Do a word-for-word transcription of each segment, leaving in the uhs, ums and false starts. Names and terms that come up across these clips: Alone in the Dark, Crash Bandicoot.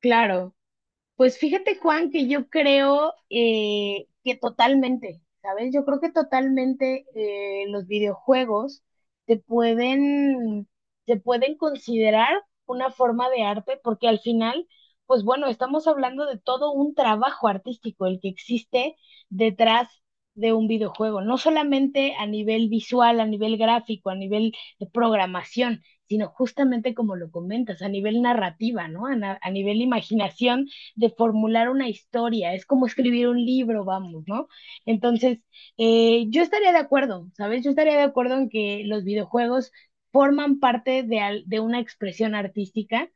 Claro, pues fíjate, Juan, que yo creo eh, que totalmente, ¿sabes? Yo creo que totalmente eh, los videojuegos te pueden, te pueden considerar una forma de arte, porque al final, pues bueno, estamos hablando de todo un trabajo artístico, el que existe detrás de un videojuego, no solamente a nivel visual, a nivel gráfico, a nivel de programación, sino justamente como lo comentas, a nivel narrativa, ¿no? a na- a nivel imaginación de formular una historia, es como escribir un libro, vamos, ¿no? Entonces, eh, yo estaría de acuerdo, ¿sabes? Yo estaría de acuerdo en que los videojuegos forman parte de, al- de una expresión artística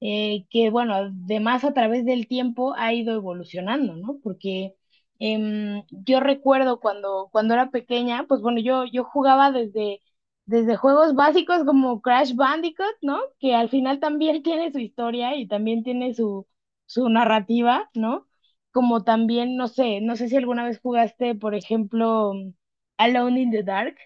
eh, que bueno, además a través del tiempo ha ido evolucionando, ¿no? Porque em, yo recuerdo cuando, cuando era pequeña, pues bueno, yo, yo jugaba desde, desde juegos básicos como Crash Bandicoot, ¿no? Que al final también tiene su historia y también tiene su, su narrativa, ¿no? Como también, no sé, no sé si alguna vez jugaste, por ejemplo, Alone in the Dark,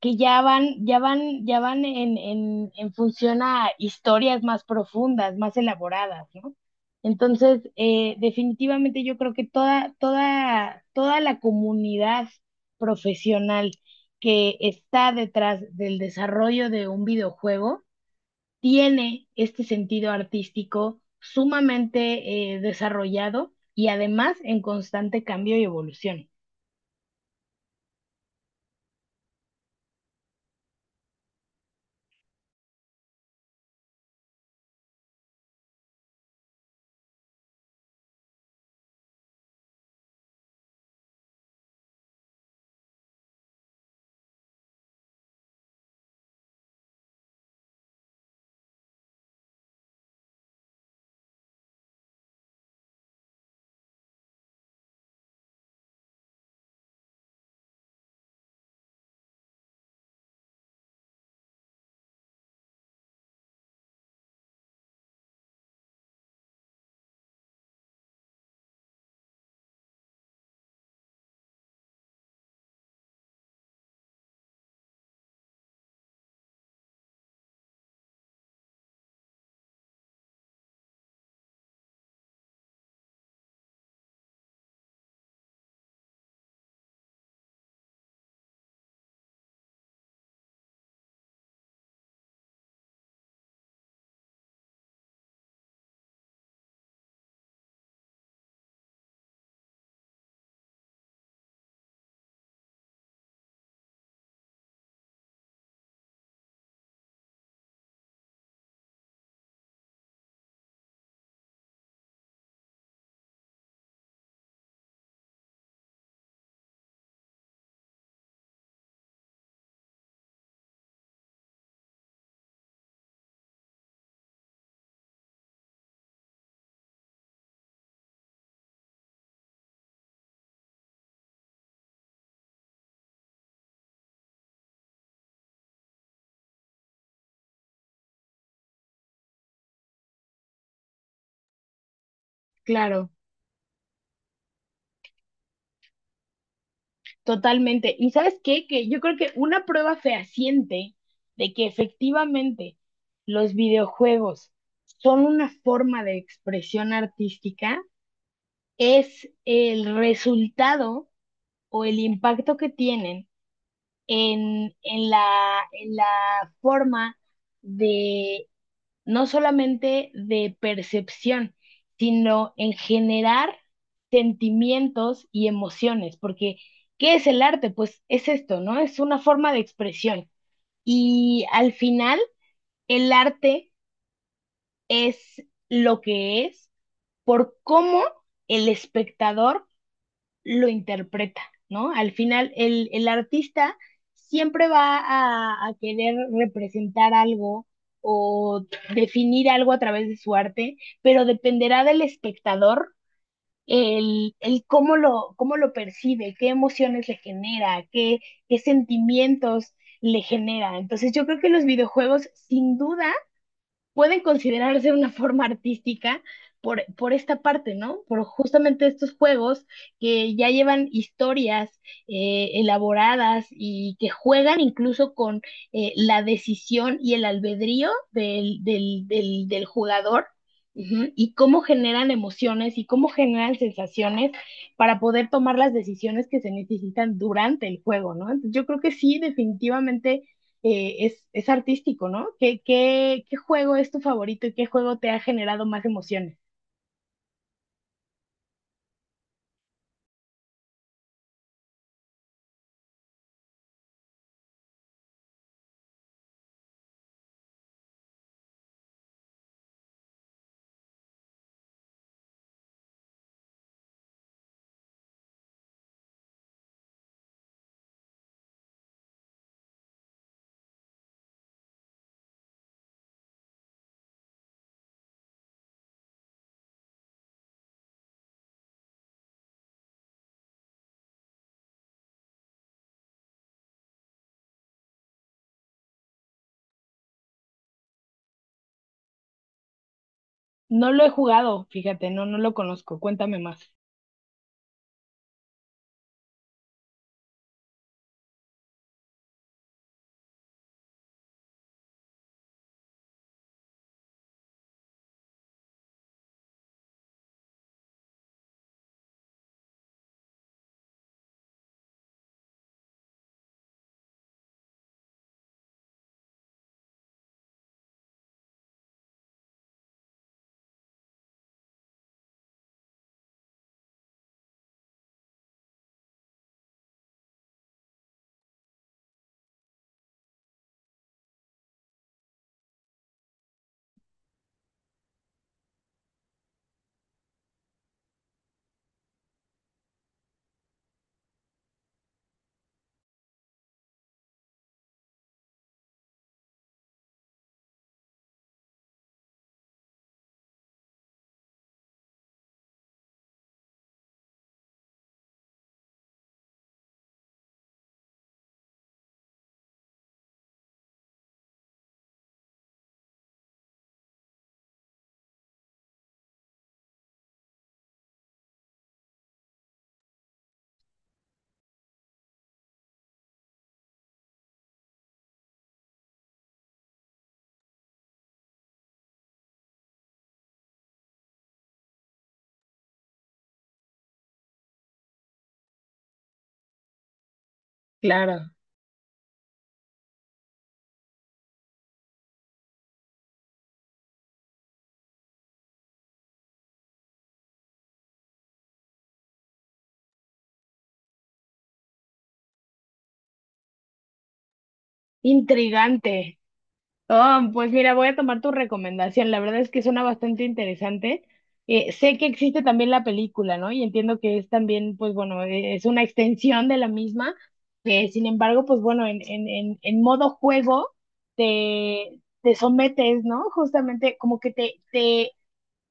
que ya van, ya van, ya van en, en, en función a historias más profundas, más elaboradas, ¿no? Entonces, eh, definitivamente yo creo que toda, toda, toda la comunidad profesional que está detrás del desarrollo de un videojuego tiene este sentido artístico sumamente eh, desarrollado y además en constante cambio y evolución. Claro. Totalmente. ¿Y sabes qué? Que yo creo que una prueba fehaciente de que efectivamente los videojuegos son una forma de expresión artística es el resultado o el impacto que tienen en, en la, en la forma de, no solamente de percepción, sino en generar sentimientos y emociones, porque ¿qué es el arte? Pues es esto, ¿no? Es una forma de expresión. Y al final, el arte es lo que es por cómo el espectador lo interpreta, ¿no? Al final, el, el artista siempre va a, a querer representar algo o definir algo a través de su arte, pero dependerá del espectador el, el cómo lo, cómo lo percibe, qué emociones le genera, qué, qué sentimientos le genera. Entonces yo creo que los videojuegos sin duda pueden considerarse una forma artística por, por esta parte, ¿no? Por justamente estos juegos que ya llevan historias eh, elaboradas y que juegan incluso con eh, la decisión y el albedrío del, del, del, del jugador. Ujú. Y cómo generan emociones y cómo generan sensaciones para poder tomar las decisiones que se necesitan durante el juego, ¿no? Entonces, yo creo que sí, definitivamente eh, es, es artístico, ¿no? ¿Qué, qué, qué juego es tu favorito y qué juego te ha generado más emociones? No lo he jugado, fíjate, no, no lo conozco. Cuéntame más. Claro. Intrigante. Oh, pues mira, voy a tomar tu recomendación. La verdad es que suena bastante interesante. Eh, sé que existe también la película, ¿no? Y entiendo que es también, pues bueno, eh, es una extensión de la misma. Eh, sin embargo, pues bueno, en, en, en, en modo juego te, te sometes, ¿no? Justamente como que te, te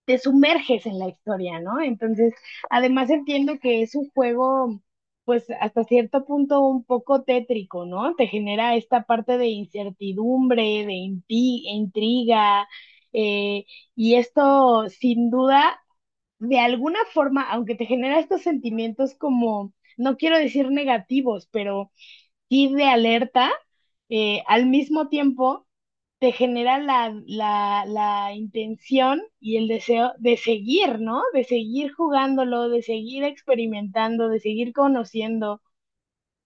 te sumerges en la historia, ¿no? Entonces, además entiendo que es un juego, pues hasta cierto punto un poco tétrico, ¿no? Te genera esta parte de incertidumbre, de inti- intriga, eh, y esto sin duda, de alguna forma, aunque te genera estos sentimientos como, no quiero decir negativos, pero sí de alerta, eh, al mismo tiempo te genera la, la, la intención y el deseo de seguir, ¿no? De seguir jugándolo, de seguir experimentando, de seguir conociendo.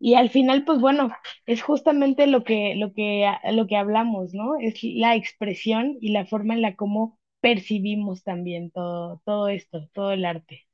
Y al final, pues bueno, es justamente lo que, lo que, lo que hablamos, ¿no? Es la expresión y la forma en la cómo percibimos también todo, todo esto, todo el arte.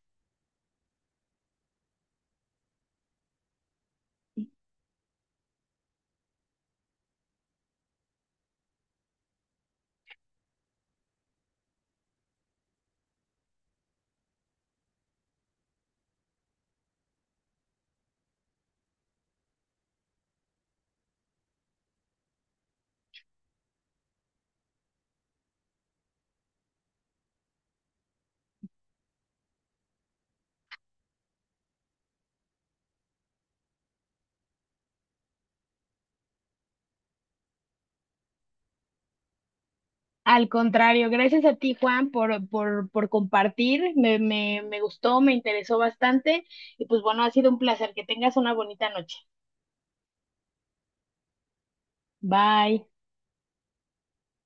Al contrario, gracias a ti, Juan, por, por, por compartir. Me, me, me gustó, me interesó bastante y pues bueno, ha sido un placer. Que tengas una bonita noche. Bye.